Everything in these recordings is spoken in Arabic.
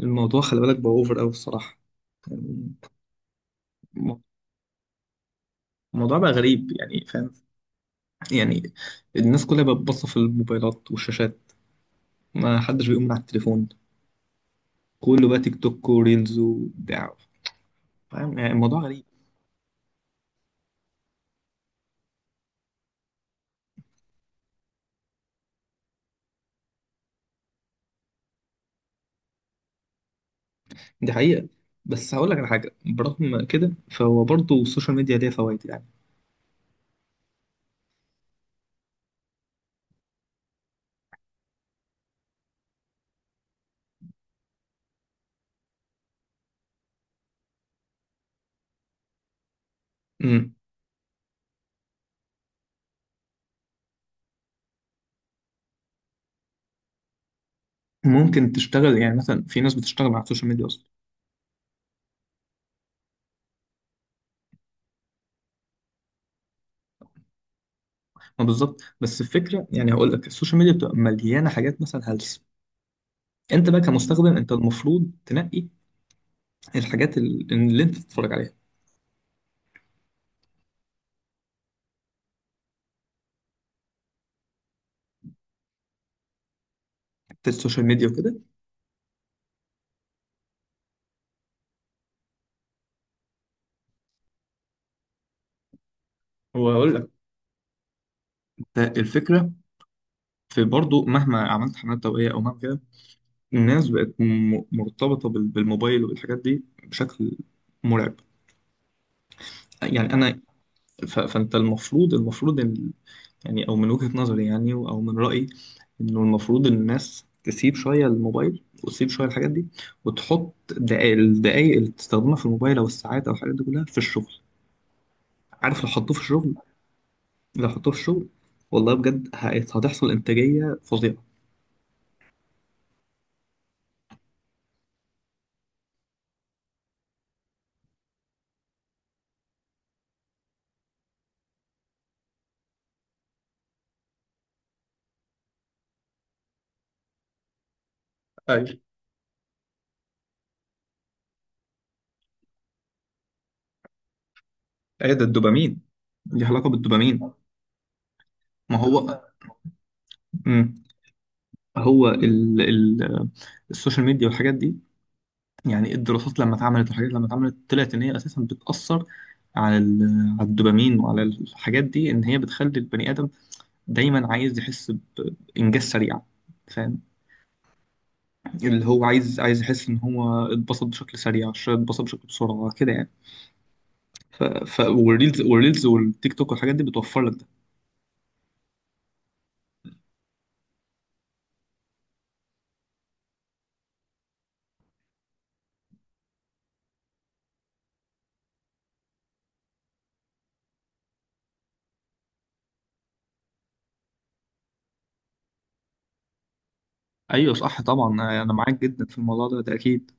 الموضوع خلي بالك بقى اوفر قوي الصراحه يعني. الم- الموضوع بقى غريب يعني، فاهم يعني. الناس كلها بقت باصه في الموبايلات والشاشات، ما حدش بيقوم من على التليفون، كله بقى تيك توك وريلز وبتاع. فاهم يعني الموضوع غريب. دي حقيقه، بس هقول لك على حاجه، برغم كده فهو برضه السوشيال ميديا ليها فوائد يعني. مم. ممكن تشتغل، يعني مثلا في ناس بتشتغل على السوشيال ميديا اصلا. ما بالظبط، بس الفكره يعني هقول لك، السوشيال ميديا بتبقى مليانه حاجات مثلا هلس. انت بقى كمستخدم انت المفروض تنقي الحاجات اللي انت بتتفرج عليها، بتاعت السوشيال ميديا وكده. وهقول لك انت الفكره، في برضو مهما عملت حملات توعيه او مهما كده، الناس بقت مرتبطه بالموبايل وبالحاجات دي بشكل مرعب، يعني انا فانت المفروض ان، يعني او من وجهه نظري يعني او من رايي، انه المفروض إن الناس تسيب شويه الموبايل وتسيب شويه الحاجات دي، وتحط الدقايق اللي بتستخدمها في الموبايل او الساعات او الحاجات دي كلها في الشغل. عارف، لو حطوه في الشغل، لو حطوه في الشغل والله بجد هتحصل انتاجيه فظيعه. ايوه. ايه ده الدوبامين، دي علاقه بالدوبامين. ما هو مم. هو ال السوشيال ميديا والحاجات دي، يعني الدراسات لما اتعملت والحاجات لما اتعملت، طلعت ان هي اساسا بتاثر على الدوبامين وعلى الحاجات دي، ان هي بتخلي البني ادم دايما عايز يحس بانجاز سريع. فاهم، اللي هو عايز يحس ان هو اتبسط بشكل سريع، اتبسط بشكل بسرعه كده يعني. والريلز والتيك توك والحاجات دي بتوفر لك ده. ايوه صح طبعا، انا معاك جدا في الموضوع ده اكيد.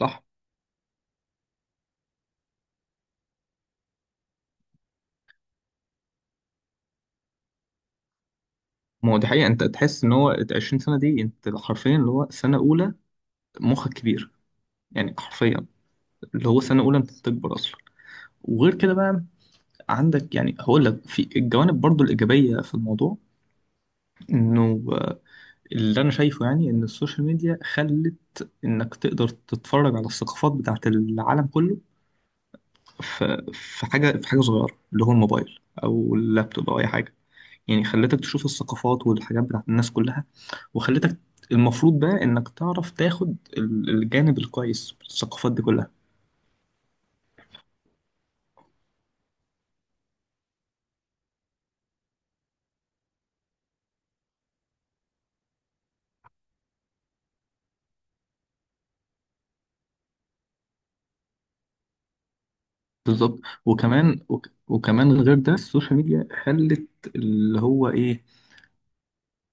صح. ما هو دي حقيقه، انت تحس ان هو ال 20 سنه دي، انت حرفيا اللي هو سنه اولى، مخك كبير يعني حرفيا، اللي هو سنه اولى، انت بتكبر اصلا. وغير كده بقى، عندك يعني هقول لك في الجوانب برضو الايجابيه في الموضوع، انه اللي انا شايفه يعني ان السوشيال ميديا خلت انك تقدر تتفرج على الثقافات بتاعت العالم كله، في حاجة صغيرة، اللي هو الموبايل أو اللابتوب أو أي حاجة. يعني خلتك تشوف الثقافات والحاجات بتاعت الناس كلها، وخلتك، المفروض بقى إنك تعرف تاخد الجانب الكويس في الثقافات دي كلها. بالظبط. وكمان وكمان غير ده، السوشيال ميديا خلت اللي هو إيه،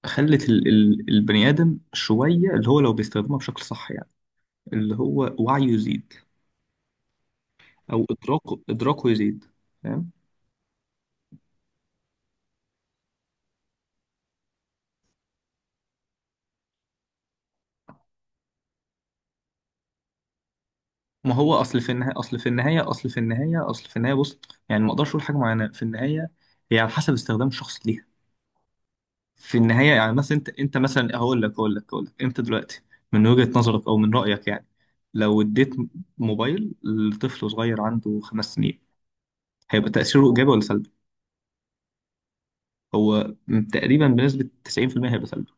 خلت ال البني آدم شوية، اللي هو لو بيستخدمها بشكل صح يعني، اللي هو وعيه يزيد، أو إدراكه يزيد. ما هو اصل في النهايه اصل في النهايه اصل في النهايه اصل في النهايه بص، يعني ما اقدرش اقول حاجه معينه، في النهايه هي على حسب استخدام الشخص ليها. في النهايه يعني مثلا انت مثلا هقول لك انت دلوقتي من وجهه نظرك او من رايك يعني، لو اديت موبايل لطفل صغير عنده خمس سنين، هيبقى تاثيره ايجابي ولا سلبي؟ هو تقريبا بنسبه 90% هيبقى سلبي.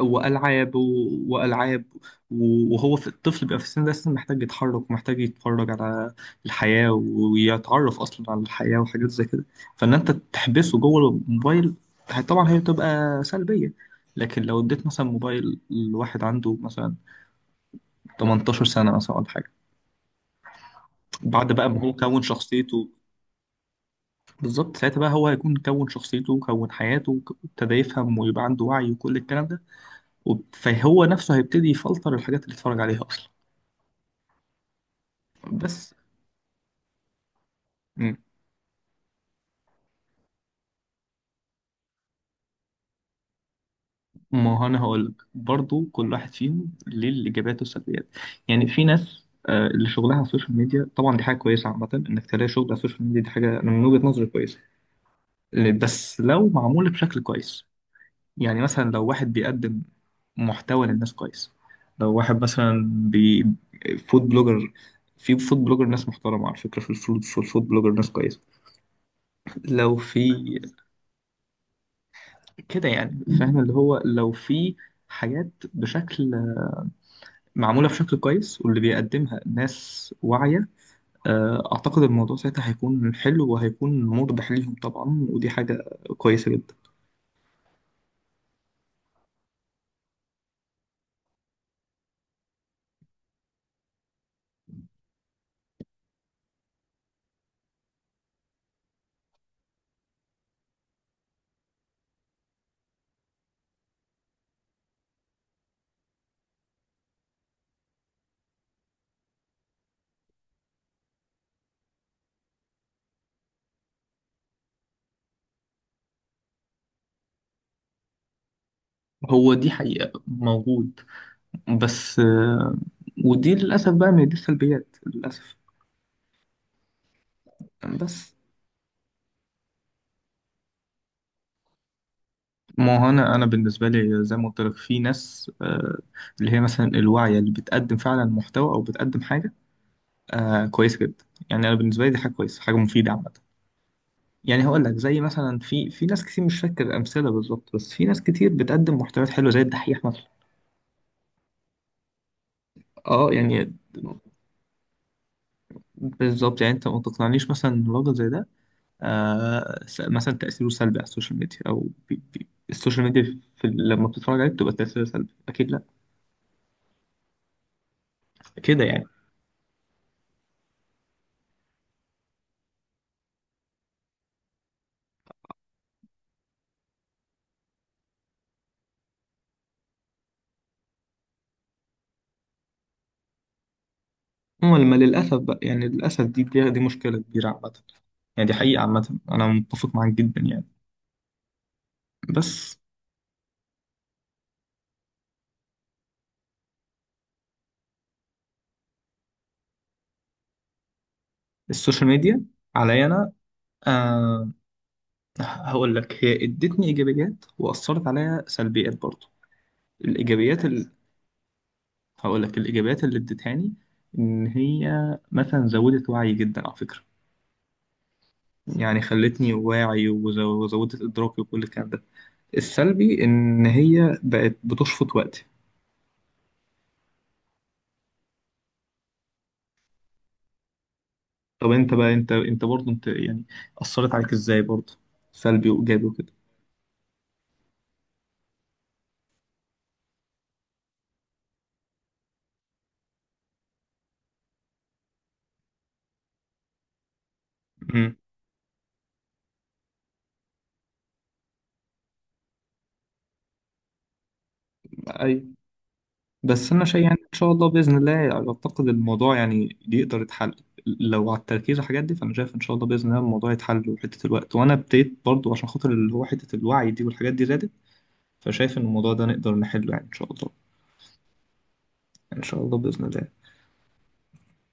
والعاب وهو، في الطفل بيبقى في السن ده لسه محتاج يتحرك ومحتاج يتفرج على الحياه ويتعرف اصلا على الحياه وحاجات زي كده، فان انت تحبسه جوه الموبايل، طبعا هي بتبقى سلبيه. لكن لو اديت مثلا موبايل لواحد عنده مثلا 18 سنه مثلا ولا حاجه، بعد بقى ما هو كون شخصيته. بالظبط، ساعتها بقى هو هيكون كون شخصيته وكون حياته، وابتدى يفهم ويبقى عنده وعي وكل الكلام ده، فهو نفسه هيبتدي يفلتر الحاجات اللي اتفرج عليها اصلا. بس مم. ما هو انا هقول لك برضه كل واحد فيهم ليه الايجابيات والسلبيات يعني في ناس آه، اللي شغلها على السوشيال ميديا طبعا دي حاجه كويسه عامه انك تلاقي شغل على السوشيال ميديا دي حاجه أنا من وجهه نظري كويسه ل- بس لو معمول بشكل كويس يعني مثلا لو واحد بيقدم محتوى للناس كويس لو واحد مثلا بي فود بلوجر في فود بلوجر ناس محترمه على فكره في الفود في الفود بلوجر ناس كويسه لو في كده يعني فاهم اللي هو لو في حاجات بشكل معمولة بشكل كويس واللي بيقدمها ناس واعية آه، أعتقد الموضوع ساعتها هيكون حلو وهيكون مربح ليهم طبعا ودي حاجة كويسة جدا هو دي حقيقة موجود بس آه، ودي للأسف بقى من دي السلبيات للأسف بس ما هو أنا أنا بالنسبة لي زي ما قلت لك، في ناس اللي هي مثلا الواعية اللي بتقدم فعلا محتوى أو بتقدم حاجة كويسة جدا، يعني أنا بالنسبة لي دي حاجة كويسة حاجة مفيدة عامة. يعني هقول لك زي مثلا في ناس كتير، مش فاكر امثله بالظبط، بس في ناس كتير بتقدم محتويات حلوه زي الدحيح مثلا. اه يعني بالظبط، يعني انت ما تقنعنيش مثلا إن راجل زي ده مثلا تاثيره سلبي على السوشيال ميديا، او بي بي السوشيال ميديا في، لما بتتفرج عليه بتبقى تاثيرها سلبي اكيد لا، كده يعني. لما للاسف بقى، يعني للاسف دي مشكله كبيره عامه، يعني دي حقيقه عامه، انا متفق معاك جدا يعني. بس السوشيال ميديا عليا انا آه، هقول لك، هي ادتني ايجابيات واثرت عليا سلبيات برضو. الايجابيات هقول لك الايجابيات اللي ادتهاني، ان هي مثلا زودت وعي جدا على فكره، يعني خلتني واعي، وزودت ادراكي وكل الكلام ده. السلبي ان هي بقت بتشفط وقتي. طب انت بقى انت برضو انت يعني، اثرت عليك ازاي برضو، سلبي وايجابي وكده. مم. ايوه. بس انا شايف يعني ان شاء الله باذن الله اعتقد الموضوع يعني يقدر يتحل، لو على التركيز والحاجات دي، فانا شايف ان شاء الله باذن الله الموضوع يتحل وحته الوقت، وانا ابتديت برضو عشان خاطر اللي هو حته الوعي دي والحاجات دي زادت، فشايف ان الموضوع ده نقدر نحله يعني ان شاء الله. يعني ان شاء الله باذن الله.